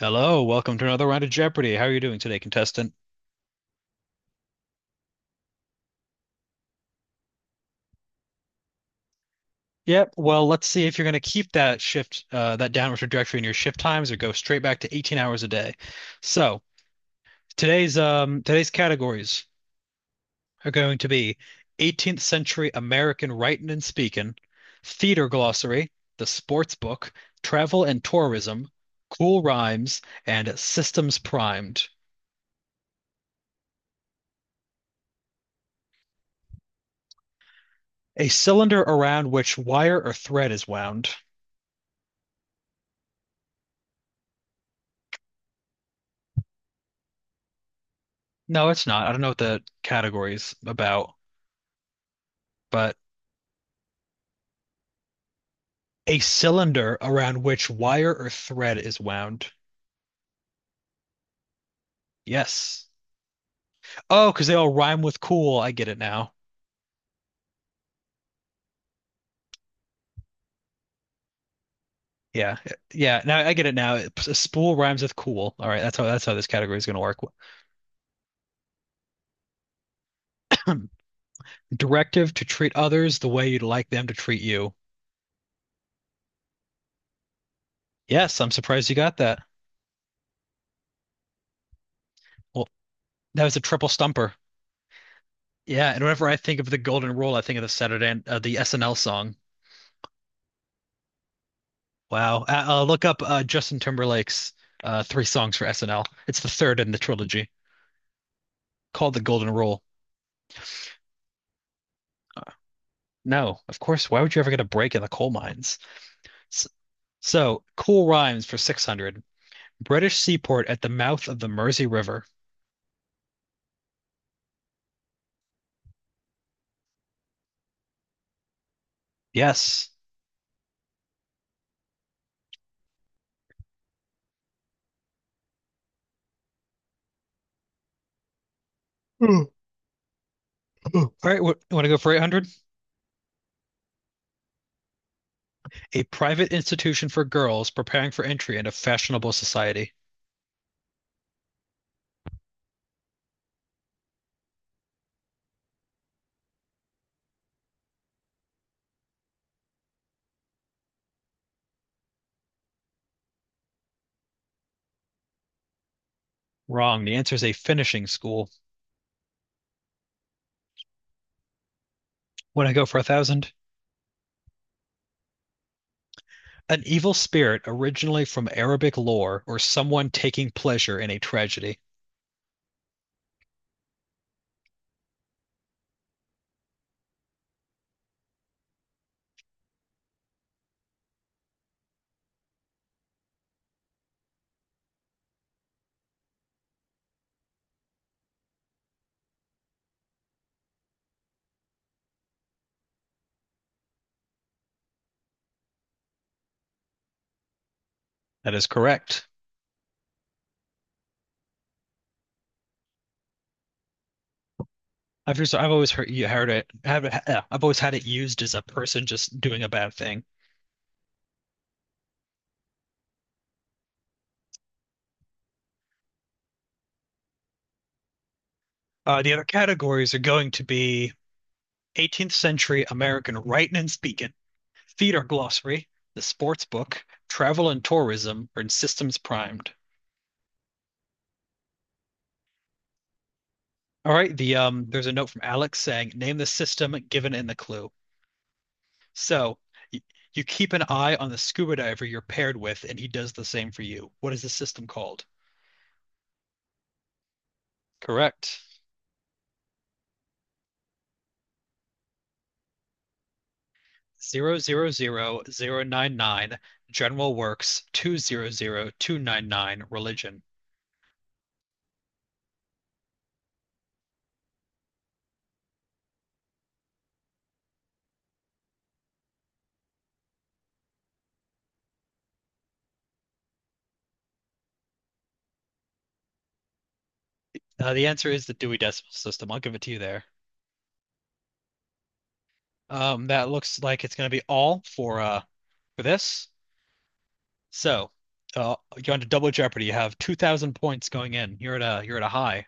Hello, welcome to another round of Jeopardy. How are you doing today, contestant? Yep, well, let's see if you're going to keep that shift, that downward trajectory in your shift times or go straight back to 18 hours a day. So, today's categories are going to be 18th century American writing and speaking, theater glossary, the sports book, travel and tourism, cool rhymes, and systems primed. A cylinder around which wire or thread is wound. No, it's not. I don't know what the category is about, but a cylinder around which wire or thread is wound. Yes. Oh, because they all rhyme with cool. I get it now. Yeah, yeah. Now I get it now. A spool rhymes with cool. All right, that's how this category is going to work. Directive to treat others the way you'd like them to treat you. Yes, I'm surprised you got that. Well, that was a triple stumper. Yeah, and whenever I think of the golden rule, I think of the Saturday the SNL song. Wow. Look up Justin Timberlake's three songs for SNL. It's the third in the trilogy, called the Golden Rule. No, of course. Why would you ever get a break in the coal mines? S- So, cool rhymes for 600. British seaport at the mouth of the Mersey River. Yes. Ooh, ooh. All right, want to go for 800? A private institution for girls preparing for entry into fashionable society. Wrong. The answer is a finishing school. Want to go for 1000? An evil spirit originally from Arabic lore or someone taking pleasure in a tragedy. That is correct. I've just I've always heard you heard it. Have, I've always had it used as a person just doing a bad thing. The other categories are going to be 18th century American writing and speaking, theater glossary, the sports book, travel and tourism, and systems primed. All right, there's a note from Alex saying, name the system given in the clue. So y you keep an eye on the scuba diver you're paired with, and he does the same for you. What is the system called? Correct. 0 0 0 0 9 9 General Works 200-299, Religion. The answer is the Dewey Decimal System. I'll give it to you there. That looks like it's going to be all for this. So, uh, you're on to Double Jeopardy. You have 2,000 points going in. You're at a high.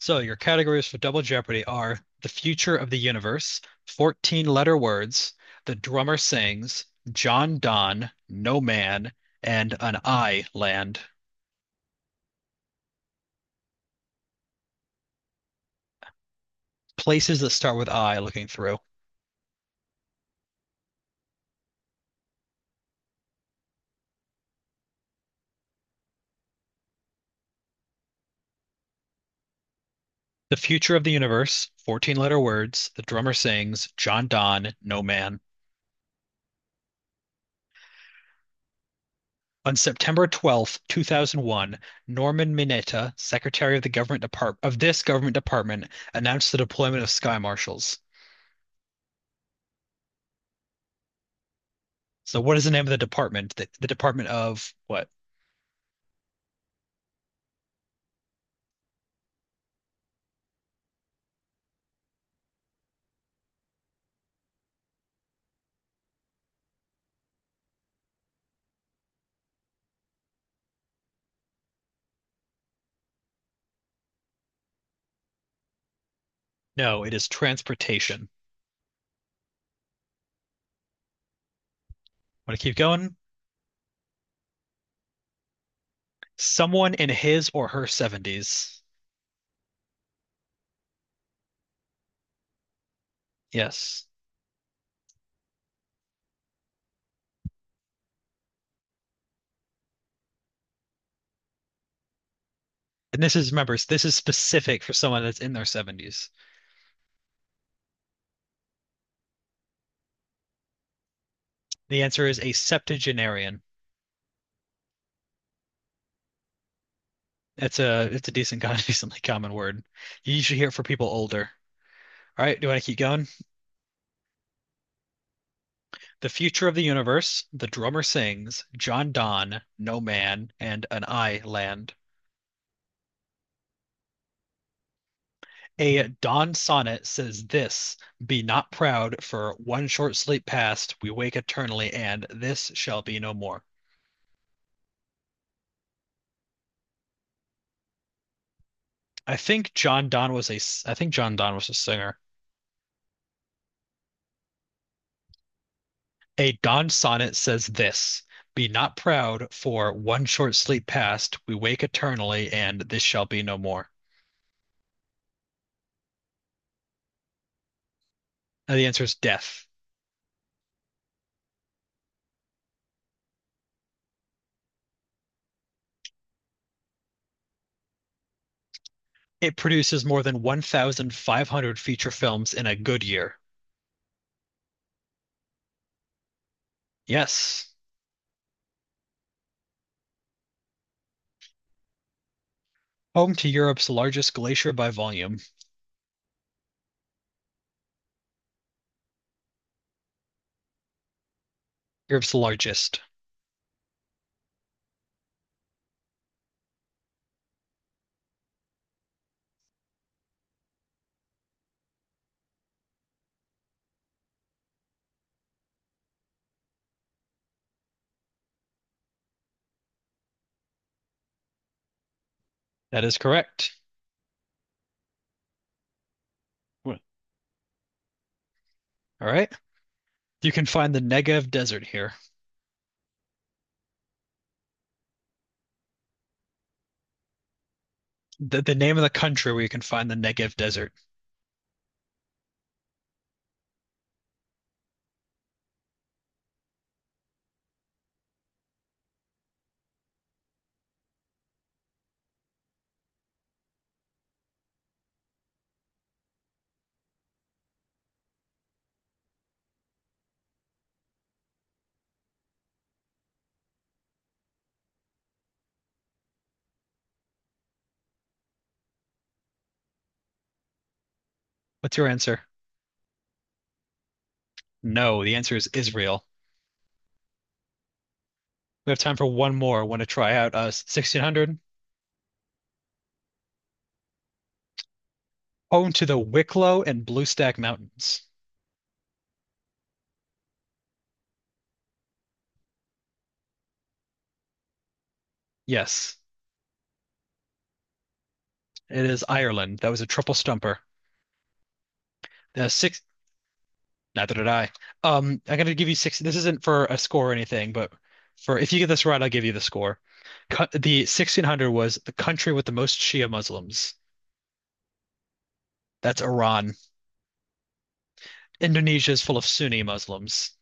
So your categories for Double Jeopardy are the future of the universe, 14 letter words, the drummer sings, John Donne, No Man, and an I land. Places that start with I looking through. The Future of the Universe, 14 letter words, The Drummer Sings, John Donne, No Man. On September 12, two 2001, Norman Mineta, Secretary of the Government Depart of this government department, announced the deployment of Sky Marshals. So what is the name of the department? The Department of what? No, it is Transportation. Want to keep going? Someone in his or her 70s. Yes. And this is, remember, this is specific for someone that's in their 70s. The answer is a septuagenarian. It's a decent, decently common word. You usually hear it for people older. All right, do you want to keep going? The future of the universe, the drummer sings, John Donne, no man, and an I land. A dawn sonnet says this: be not proud, for one short sleep past, we wake eternally, and this shall be no more. I think John Donne was a singer. A dawn sonnet says this: Be not proud, for one short sleep past, we wake eternally, and this shall be no more. Now, the answer is death. It produces more than 1,500 feature films in a good year. Yes. Home to Europe's largest glacier by volume. Europe's largest. That is correct. All right. You can find the Negev Desert here. The name of the country where you can find the Negev Desert. What's your answer? No, the answer is Israel. We have time for one more. Want to try out 1600? Home to the Wicklow and Bluestack Mountains. Yes, it is Ireland. That was a triple stumper. The six, neither did I. I'm gonna give you six. This isn't for a score or anything, but for if you get this right, I'll give you the score. The 1600 was the country with the most Shia Muslims. That's Iran. Indonesia is full of Sunni Muslims.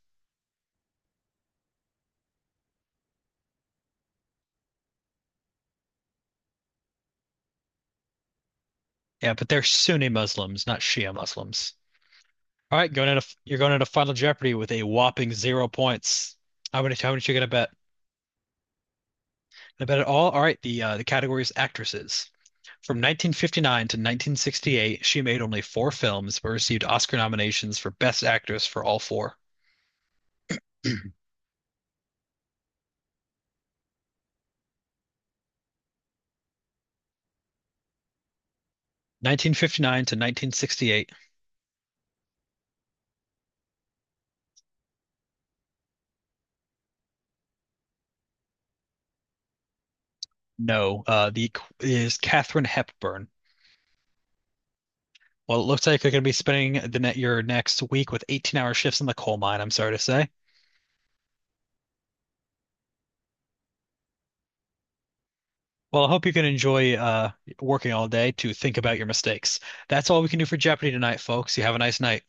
Yeah, but they're Sunni Muslims, not Shia Muslims. All right, going into you're going into Final Jeopardy with a whopping 0 points. How much you gonna bet? Gonna bet it all? All right, the category is actresses. From 1959 to 1968, she made only four films but received Oscar nominations for Best Actress for all four. 1959 to 1968. No, is Katharine Hepburn. Well, it looks like you're gonna be spending the net your next week with 18-hour shifts in the coal mine. I'm sorry to say. Well, I hope you can enjoy working all day to think about your mistakes. That's all we can do for Jeopardy tonight, folks. You have a nice night.